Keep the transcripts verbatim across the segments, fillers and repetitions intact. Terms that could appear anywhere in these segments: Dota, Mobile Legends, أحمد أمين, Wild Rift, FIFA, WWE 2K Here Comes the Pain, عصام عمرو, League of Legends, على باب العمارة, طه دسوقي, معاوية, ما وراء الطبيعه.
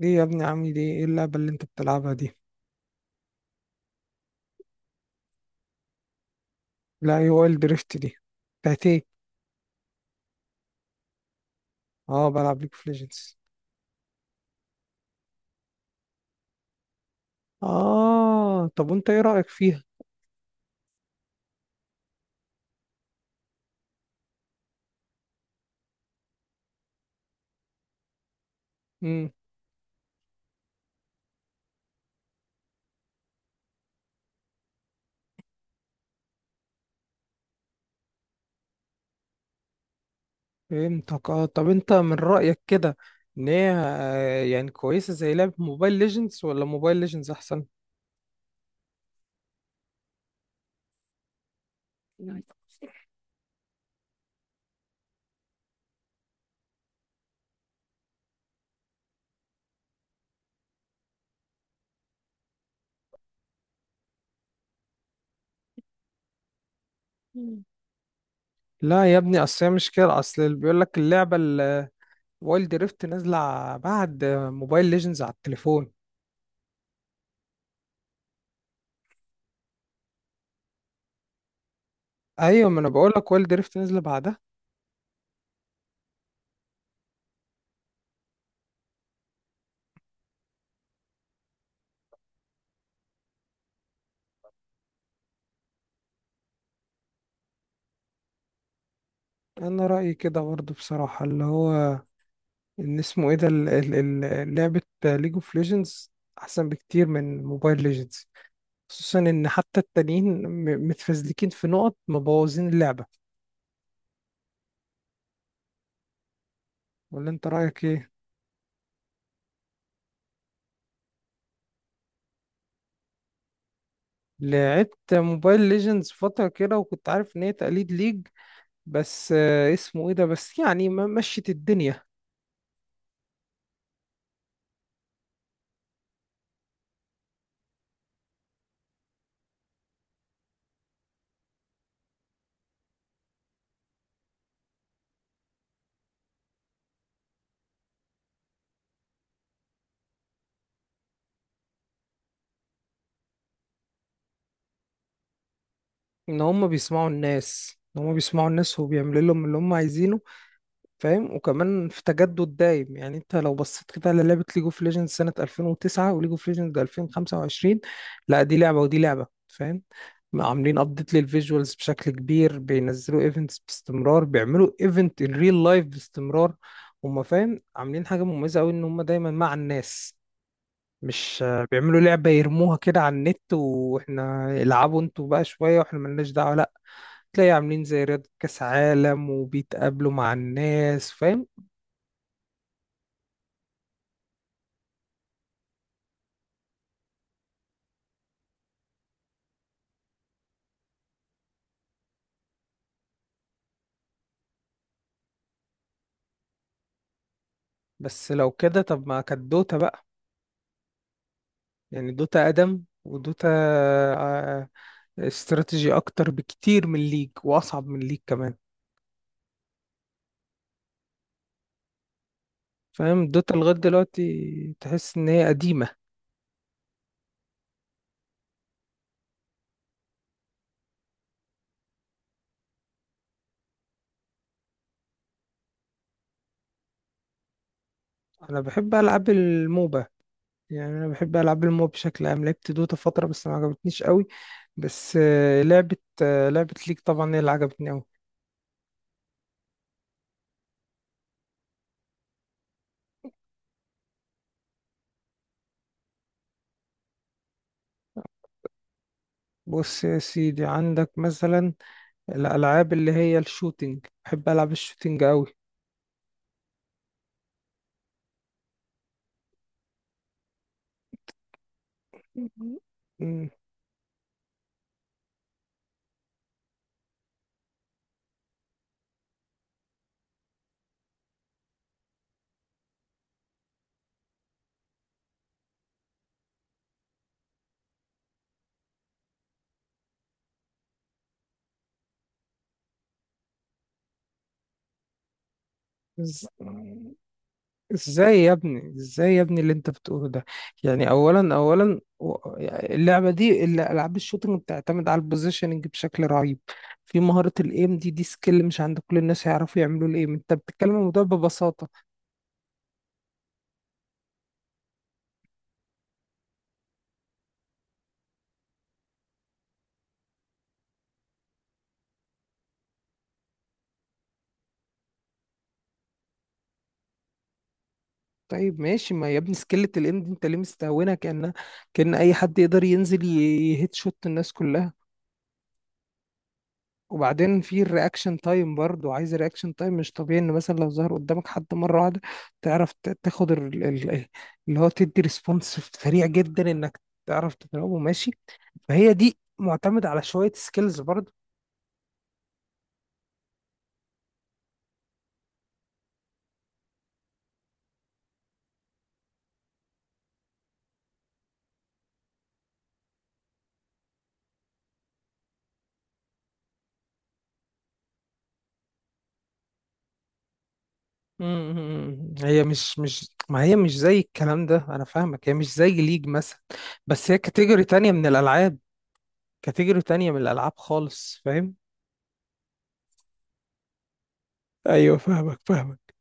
ليه يا ابني؟ عامل ايه ايه اللعبة اللي انت بتلعبها دي؟ لا، ايه هو دريفت دي؟ بتاعت ايه؟ اه، بلعب ليج اوف ليجندز. اه، طب وانت ايه رأيك فيها؟ امم. فهمتك. اه، طب انت من رأيك كده ان هي، آه، يعني كويسة زي لعبة موبايل ليجندز، ولا موبايل ليجندز احسن؟ لا يا ابني، اصل هي مش كده، اصل اللي بيقول لك اللعبة الوايلد دريفت نازلة ع- بعد موبايل ليجندز على التليفون. ايوه، ما انا بقول لك وايلد دريفت نازلة بعدها. انا رأيي كده برضه بصراحة، اللي هو ان اسمه ايه ده، ال- ال- ال- لعبة ليج اوف ليجندز احسن بكتير من موبايل ليجندز. خصوصا ان حتى التانيين م- متفزلكين في نقط، مبوظين اللعبة. ولا انت رأيك ايه؟ لعبت موبايل ليجندز فترة كده، وكنت عارف ان هي تقليد ليج، بس آه، اسمه ايه ده بس، يعني ما مشت الدنيا. ان هم بيسمعوا الناس، ان هم بيسمعوا الناس وبيعملوا لهم اللي هم عايزينه، فاهم؟ وكمان في تجدد دايم، يعني انت لو بصيت كده على لعبة ليج اوف ليجندز سنة ألفين وتسعة وليج اوف ليجندز ألفين وخمسة وعشرين، لا، دي لعبة ودي لعبة، فاهم؟ عاملين ابديت للفيجوالز بشكل كبير، بينزلوا ايفنتس باستمرار، بيعملوا ايفنت ان ريل لايف باستمرار. هما فاهم عاملين حاجة مميزة قوي، ان هما دايما مع الناس. مش آه، بيعملوا لعبة يرموها كده على النت واحنا العبوا انتوا بقى شوية واحنا ملناش دعوة، لا. تلاقي عاملين زي رياضة كأس عالم وبيتقابلوا مع الناس، فاهم؟ بس لو كده طب ما كانت دوتا بقى؟ يعني دوتا أقدم، ودوتا آه، استراتيجي أكتر بكتير من ليج، وأصعب من ليج كمان. فاهم؟ دوتا لغاية دلوقتي تحس إن هي قديمة. أنا بحب ألعاب الموبا، يعني أنا بحب ألعاب الموبا بشكل عام. لعبت دوتا فترة بس ما عجبتنيش قوي. بس آه، لعبة آه، لعبة ليج طبعا هي اللي عجبتني قوي. بص يا سيدي، عندك مثلا الألعاب اللي هي الشوتينج، بحب ألعب الشوتينج قوي. إز- ازاي يا ابني ازاي يا ابني اللي انت بتقوله ده؟ يعني اولا اولا، و- اللعبه دي اللي- العاب الشوتنج بتعتمد على البوزيشننج بشكل رهيب. في مهاره الايم، دي دي سكيل مش عند كل الناس يعرفوا يعملوا الايم. انت بتتكلم عن الموضوع ببساطه. طيب، ماشي، ما يا ابني سكيلة الايم دي انت ليه مستهونها؟ كأن كأن اي حد يقدر ينزل ي- يهيت شوت الناس كلها. وبعدين في الرياكشن تايم برضو، عايز رياكشن تايم مش طبيعي، ان مثلا لو ظهر قدامك حد مره واحده تعرف ت- تاخد ال- ال- اللي هو تدي ريسبونس سريع جدا انك تعرف تضربه، ماشي؟ فهي دي معتمده على شويه سكيلز برضو. مم. هي مش مش ما هي مش زي الكلام ده، انا فاهمك، هي مش زي ليج مثلا، بس هي كاتيجوري تانية من الالعاب، كاتيجوري تانية من الالعاب خالص، فاهم؟ ايوه فاهمك، فاهمك،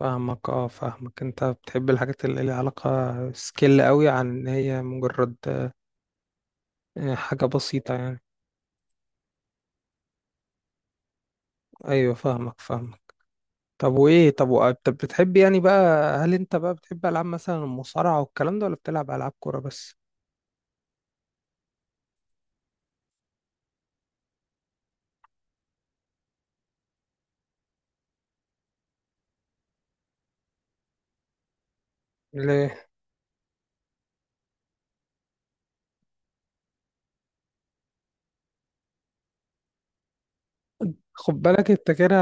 فاهمك، اه فاهمك. انت بتحب الحاجات اللي ليها علاقة سكيل قوي عن ان هي مجرد آه، حاجة بسيطة يعني. ايوه فاهمك، فاهمك. طب وايه؟ طب وأ- طب بتحب يعني بقى، هل انت بقى بتحب العاب مثلا المصارعة والكلام ده، ولا بتلعب العاب كورة بس؟ ليه؟ خد بالك انت كده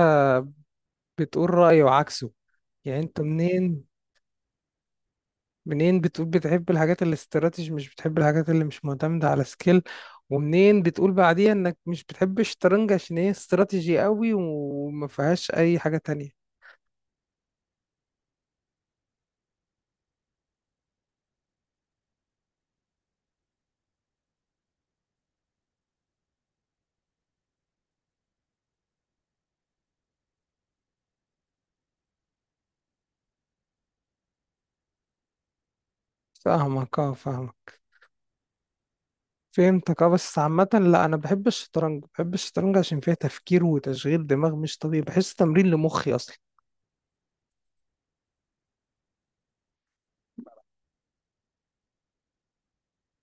بتقول رأي وعكسه. يعني انت منين منين بتقول بتحب الحاجات الاستراتيجي مش بتحب الحاجات اللي مش معتمدة على سكيل، ومنين بتقول بعديها انك مش بتحب الشطرنج عشان هي استراتيجي قوي وما فيهاش اي حاجة تانية؟ فاهمك، اه فاهمك، فهمتك، اه بس عامة، لا انا بحب الشطرنج، بحب الشطرنج عشان فيها تفكير وتشغيل دماغ مش طبيعي، بحس تمرين لمخي اصلا.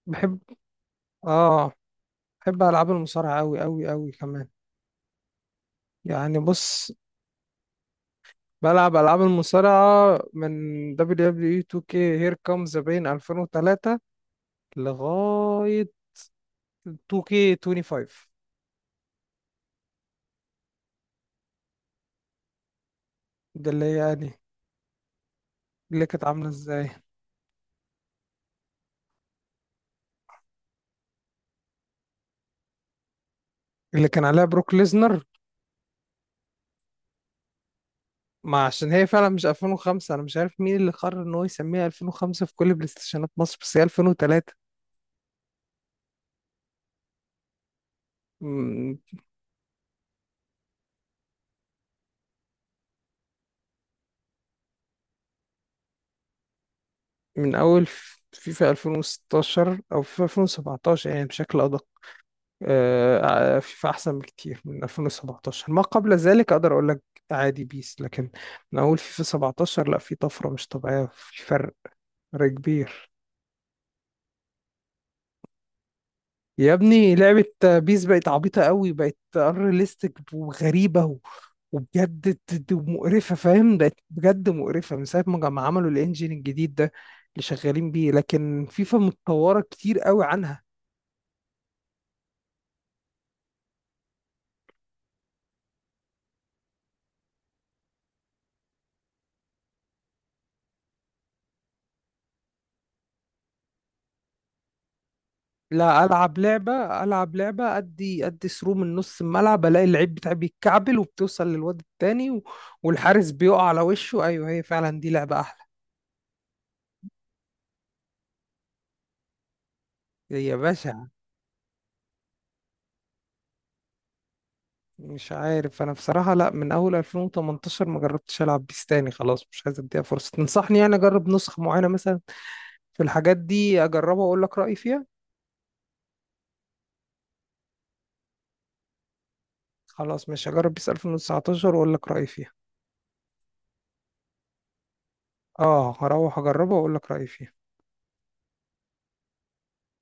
بحب، اه، بحب العاب المصارعة قوي قوي قوي كمان. يعني بص، بلعب العاب المصارعة من دبليو دبليو إي تو كيه، Here Comes the Pain ألفين وتلاتة، لغاية تو كيه تويني فايف. ده اللي هي يعني اللي كانت عاملة ازاي، اللي كان عليها بروك ليزنر. ما عشان هي فعلا مش ألفين وخمسة، انا مش عارف مين اللي قرر ان هو يسميها ألفين وخمسة في كل بلاي ستيشنات مصر، بس هي ألفين وتلاتة. م- من اول ف- فيفا ألفين وستاشر او فيفا ألفين وسبعتاشر يعني بشكل ادق. آه، آه، فيفا احسن بكتير من ألفين وسبعتاشر. ما قبل ذلك اقدر اقول لك عادي بيس. لكن من اول فيفا سبعة عشر، لا، في طفرة مش طبيعية، في فرق، فرق كبير. يا ابني لعبة بيس بقت عبيطة قوي، بقت unrealistic وغريبة و- وبجد ت- ت- مقرفة، فاهم؟ بقت بجد مقرفة من ساعة ما جم- عملوا الانجين الجديد ده اللي شغالين بيه. لكن فيفا متطورة كتير قوي عنها. لا، ألعب لعبة، ألعب لعبة أدي أدي ثرو من نص الملعب ألاقي اللعيب بتاعي بيتكعبل، وبتوصل للواد التاني و... والحارس بيقع على وشه. أيوه، هي فعلا دي لعبة أحلى. يا باشا، مش عارف انا بصراحة، لا من اول ألفين وتمنتاشر ما جربتش العب بيس تاني، خلاص، مش عايز اديها فرصة. تنصحني يعني اجرب نسخة معينة مثلا في الحاجات دي اجربها واقول لك رأيي فيها؟ خلاص، مش هجرب بيس ألفين وتسعة عشر واقول لك رأيي فيها. اه، هروح اجربها واقول لك رأيي فيها.